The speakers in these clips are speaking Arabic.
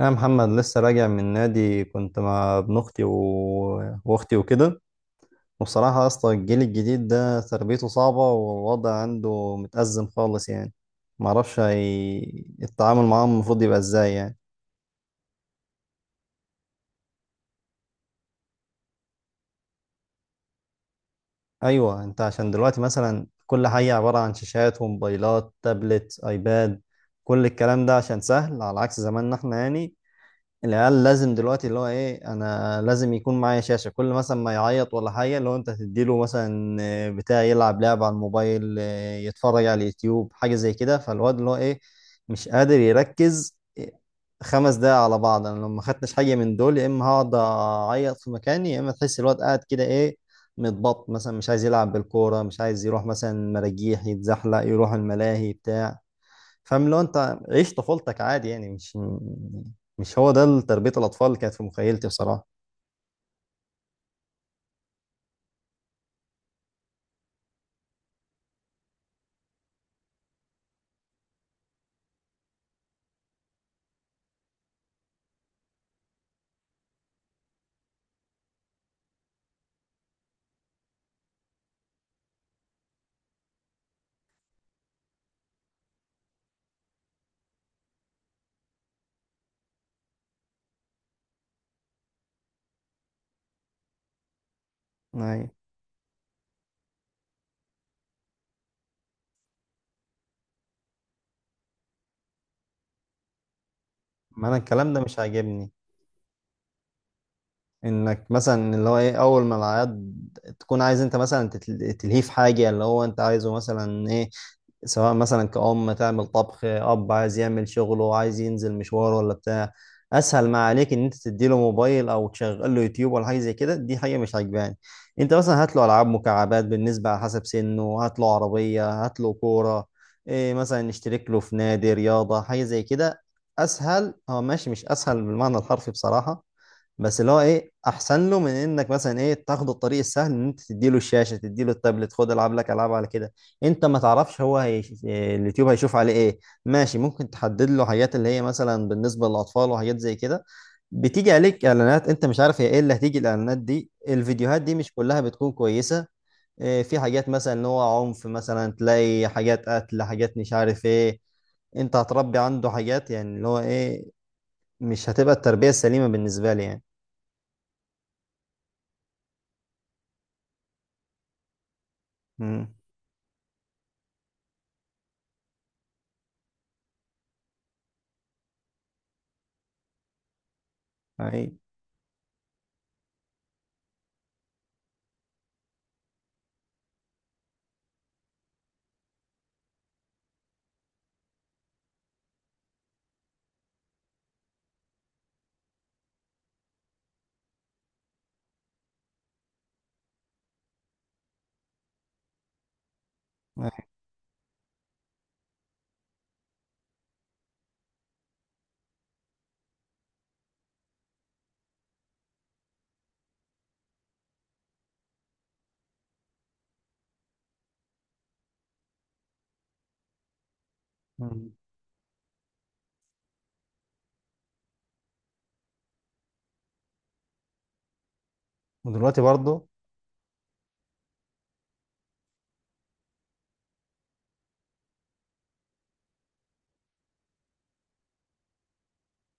يا محمد، لسه راجع من نادي. كنت مع ابن اختي واختي وكده. وبصراحة اصلا الجيل الجديد ده تربيته صعبة، والوضع عنده متأزم خالص يعني. معرفش التعامل معاهم المفروض يبقى ازاي يعني. ايوه، انت عشان دلوقتي مثلا كل حاجة عبارة عن شاشات وموبايلات، تابلت، ايباد، كل الكلام ده عشان سهل، على عكس زماننا احنا يعني. العيال لازم دلوقتي اللي هو ايه، انا لازم يكون معايا شاشة كل مثلا ما يعيط ولا حاجة، اللي هو انت تديله مثلا آه، بتاع يلعب لعبة على الموبايل، آه، يتفرج على اليوتيوب، حاجة زي كده. فالواد اللي هو ايه، مش قادر يركز 5 دقايق على بعض. انا لو ما خدتش حاجة من دول، يا اما هقعد اعيط في مكاني، يا اما تحس الواد قاعد كده ايه، متبط مثلا، مش عايز يلعب بالكورة، مش عايز يروح مثلا مراجيح يتزحلق، يروح الملاهي بتاع. فاهم؟ لو انت عيش طفولتك عادي يعني، مش مش هو ده تربية الأطفال اللي كانت في مخيلتي بصراحة. أي. ما أنا الكلام ده مش عاجبني. إنك مثلا اللي هو إيه، أول ما العياد تكون عايز أنت مثلا تلهيه في حاجة اللي هو أنت عايزه، مثلا إيه، سواء مثلا كأم تعمل طبخ، أب عايز يعمل شغله، عايز ينزل مشوار ولا بتاع. أسهل ما عليك إن أنت تديله موبايل أو تشغل له يوتيوب ولا حاجة زي كده. دي حاجة مش عاجباني. أنت مثلا هات له ألعاب مكعبات بالنسبة على حسب سنه، هات له عربية، هات له كورة، إيه مثلا نشترك له في نادي رياضة، حاجة زي كده. أسهل هو ماشي، مش أسهل بالمعنى الحرفي بصراحة، بس اللي هو ايه، احسن له من انك مثلا ايه، تاخد الطريق السهل ان انت تديله الشاشه، تديله التابلت، خد العب لك العاب على كده. انت ما تعرفش هو إيه اليوتيوب هيشوف عليه ايه. ماشي ممكن تحدد له حاجات اللي هي مثلا بالنسبه للاطفال وحاجات زي كده، بتيجي عليك اعلانات، انت مش عارف هي ايه اللي هتيجي، الاعلانات دي الفيديوهات دي مش كلها بتكون كويسه. إيه، في حاجات مثلا ان هو عنف، مثلا تلاقي حاجات قتل، حاجات مش عارف ايه. انت هتربي عنده حاجات يعني اللي هو ايه، مش هتبقى التربيه السليمه بالنسبه لي يعني. مم. ايوه، ايوه. مم. ودلوقتي برضو،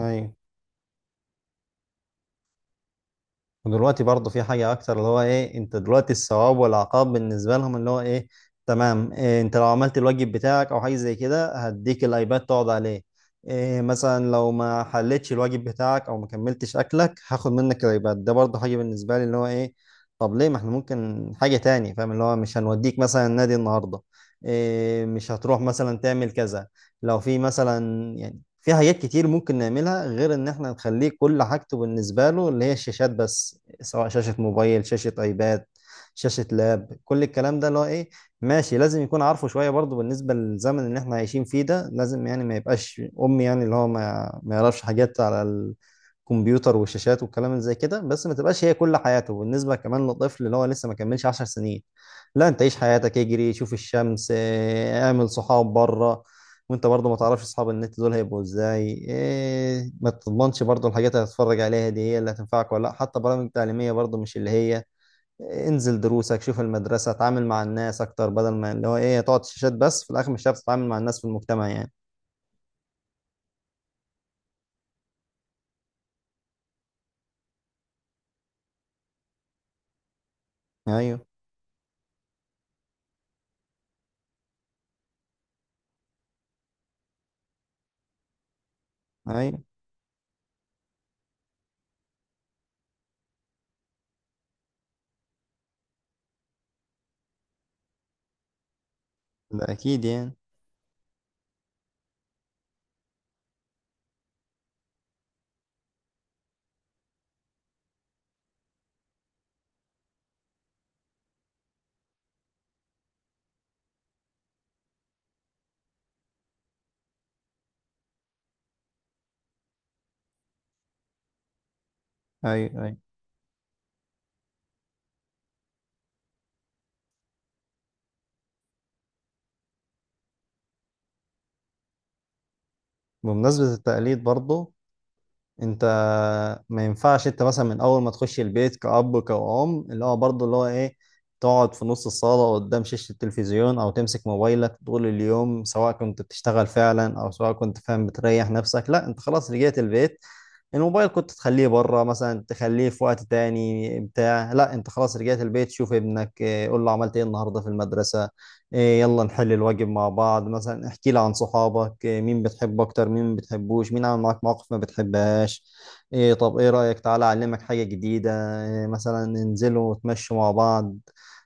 ايوه، ودلوقتي برضو في حاجة أكتر اللي هو إيه، أنت دلوقتي الثواب والعقاب بالنسبة لهم اللي هو إيه، تمام، إيه أنت لو عملت الواجب بتاعك أو حاجة زي كده هديك الأيباد تقعد عليه، إيه مثلا لو ما حلتش الواجب بتاعك أو ما كملتش أكلك هاخد منك الأيباد. ده برضو حاجة بالنسبة لي اللي هو إيه، طب ليه؟ ما إحنا ممكن حاجة تاني، فاهم، اللي هو مش هنوديك مثلا النادي النهاردة، إيه مش هتروح مثلا تعمل كذا. لو في مثلا، في حاجات كتير ممكن نعملها غير ان احنا نخليه كل حاجته بالنسبة له اللي هي الشاشات بس، سواء شاشة موبايل، شاشة ايباد، شاشة لاب، كل الكلام ده اللي هو ايه. ماشي لازم يكون عارفه شوية برضه بالنسبة للزمن اللي احنا عايشين فيه ده، لازم يعني ما يبقاش امي يعني اللي هو ما يعرفش حاجات على الكمبيوتر والشاشات والكلام اللي زي كده. بس ما تبقاش هي كل حياته، بالنسبة كمان للطفل اللي هو لسه ما كملش 10 سنين. لا انت عيش حياتك، اجري، شوف الشمس، اه، اعمل صحاب بره. وانت برضه ما تعرفش اصحاب النت دول هيبقوا ازاي، إيه ما تضمنش برضه الحاجات اللي هتتفرج عليها دي هي اللي هتنفعك ولا لا، حتى برامج تعليمية برضه مش اللي هي إيه، انزل دروسك، شوف المدرسة، اتعامل مع الناس اكتر، بدل ما اللي هو ايه تقعد شاشات بس، في الاخر مش هتعرف تتعامل مع الناس في المجتمع يعني. ايوه، ايوه. ده اكيد يعني. ايوه، ايوه. بمناسبة التقليد برضه، انت، ما ينفعش انت مثلا من اول ما تخش البيت كأب، كأم، اللي هو برضه اللي هو ايه، تقعد في نص الصالة قدام شاشة التلفزيون او تمسك موبايلك طول اليوم سواء كنت بتشتغل فعلا او سواء كنت فاهم بتريح نفسك. لا، انت خلاص رجعت البيت، الموبايل كنت تخليه بره مثلا، تخليه في وقت تاني بتاع. لا، انت خلاص رجعت البيت، شوف ابنك، اه، قول له عملت ايه النهارده في المدرسة، اه، يلا نحل الواجب مع بعض مثلا، احكي لي عن صحابك، اه، مين بتحب اكتر، مين ما بتحبوش، مين عمل معاك مواقف ما بتحبهاش، ايه طب ايه رأيك تعالى اعلمك حاجة جديدة، ايه مثلا ننزلوا وتمشوا مع بعض.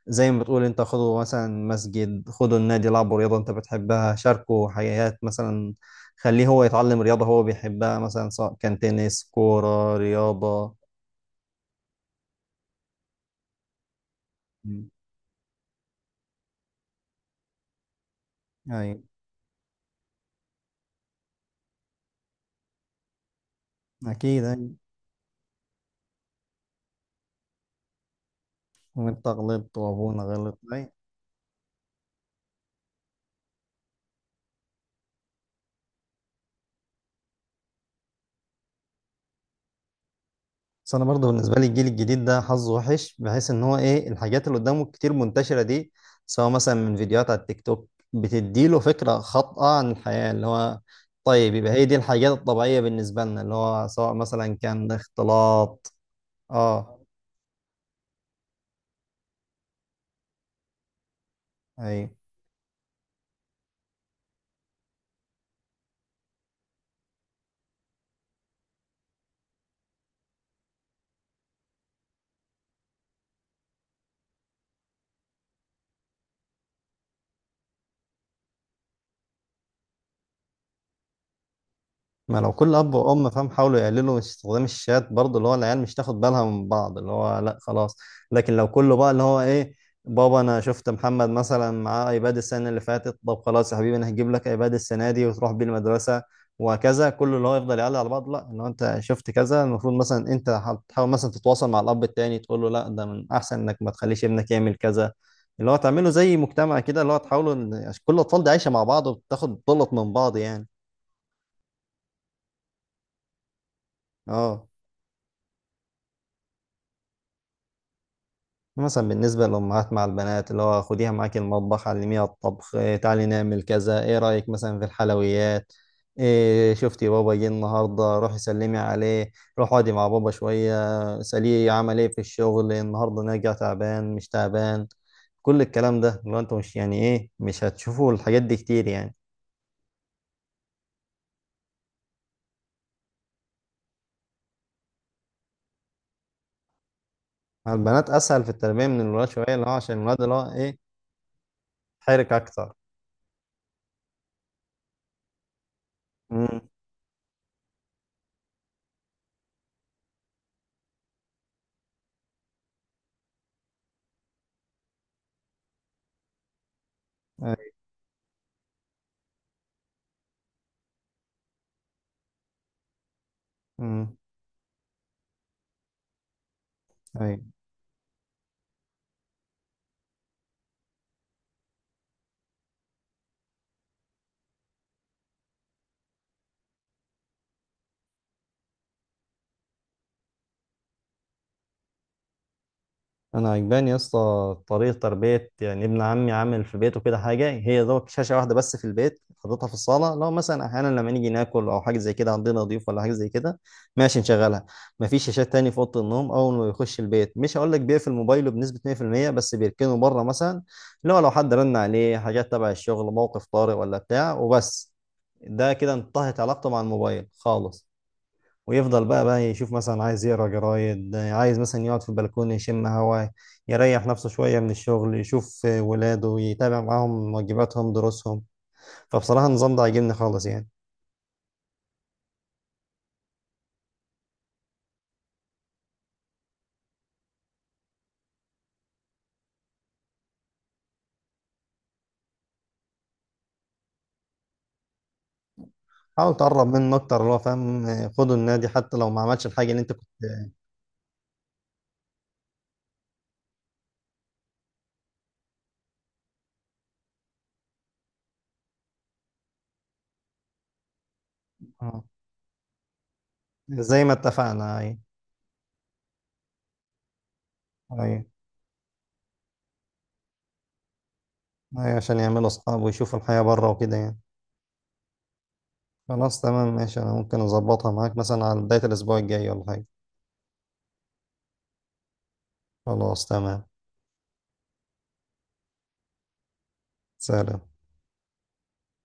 زي ما بتقول انت، خدوا مثلا مسجد، خدوا النادي، لعبوا رياضة انت بتحبها، شاركوا حاجات مثلا، خليه هو يتعلم رياضة هو بيحبها مثلا، سواء كان تنس، كورة، رياضة. مم. أيوة. أكيد، أيوة. وأنت غلطت، وأبونا غلط، أيوة. بس أنا برضه بالنسبة لي الجيل الجديد ده حظه وحش، بحيث إن هو إيه، الحاجات اللي قدامه كتير منتشرة دي، سواء مثلا من فيديوهات على التيك توك بتديله فكرة خاطئة عن الحياة، اللي هو طيب يبقى هي دي الحاجات الطبيعية بالنسبة لنا، اللي هو سواء مثلا كان اختلاط. اه. ايوه. ما لو كل اب وام فاهم، حاولوا يقللوا من استخدام الشات برضه، اللي هو العيال مش تاخد بالها من بعض اللي هو لا خلاص. لكن لو كله بقى اللي هو ايه، بابا انا شفت محمد مثلا معاه ايباد السنه اللي فاتت، طب خلاص يا حبيبي انا هجيب لك ايباد السنه دي وتروح بيه المدرسه، وهكذا، كله اللي هو يفضل يعلق على بعض. لا، ان هو انت شفت كذا، المفروض مثلا انت هتحاول مثلا تتواصل مع الاب التاني تقول له لا، ده من احسن انك ما تخليش ابنك يعمل كذا، اللي هو تعمله زي مجتمع كده اللي هو تحاولوا عشان كل الاطفال دي عايشه مع بعض وبتاخد بلط من بعض يعني. اه. مثلا بالنسبة للأمهات مع البنات اللي هو خديها معاكي المطبخ، علميها الطبخ، إيه تعالي نعمل كذا، إيه رأيك مثلا في الحلويات، إيه شفتي بابا جه النهاردة، روحي سلمي عليه، روحي اقعدي مع بابا شوية، سأليه عمل إيه في الشغل النهاردة، نرجع تعبان مش تعبان، كل الكلام ده اللي هو أنتوا مش يعني إيه، مش هتشوفوا الحاجات دي كتير يعني. مع البنات أسهل في التربية من الولاد شوية، اللي هو عشان الولاد اللي هو إيه، حرك أكتر. امم. أيوه. أمم. أيوه. انا عجباني يا اسطى طريقه تربيه، يعني ابن عمي عامل في بيته كده حاجه، هي دوت شاشه واحده بس في البيت، حاططها في الصاله، لو مثلا احيانا لما نيجي ناكل او حاجه زي كده، عندنا ضيوف ولا حاجه زي كده، ماشي نشغلها. مفيش شاشات تاني في اوضه النوم. اول ما يخش البيت، مش هقول لك بيقفل موبايله بنسبه 100%، بس بيركنه بره مثلا، اللي هو لو حد رن عليه حاجات تبع الشغل، موقف طارئ ولا بتاع، وبس، ده كده انتهت علاقته مع الموبايل خالص. ويفضل بقى يشوف مثلا، عايز يقرا جرايد، عايز مثلا يقعد في البلكونه يشم هوا، يريح نفسه شويه من الشغل، يشوف ولاده، يتابع معاهم واجباتهم دروسهم. فبصراحه النظام ده عاجبني خالص يعني. حاول تقرب منه اكتر اللي هو فاهم، خده النادي حتى لو ما عملش الحاجه اللي انت كنت. آه. زي ما اتفقنا. اي. اي. اي، عشان يعملوا اصحاب ويشوفوا الحياه بره وكده يعني. خلاص تمام، ماشي، انا ممكن اظبطها معاك مثلا على بدايه الاسبوع الجاي ولا حاجه. خلاص تمام. سلام.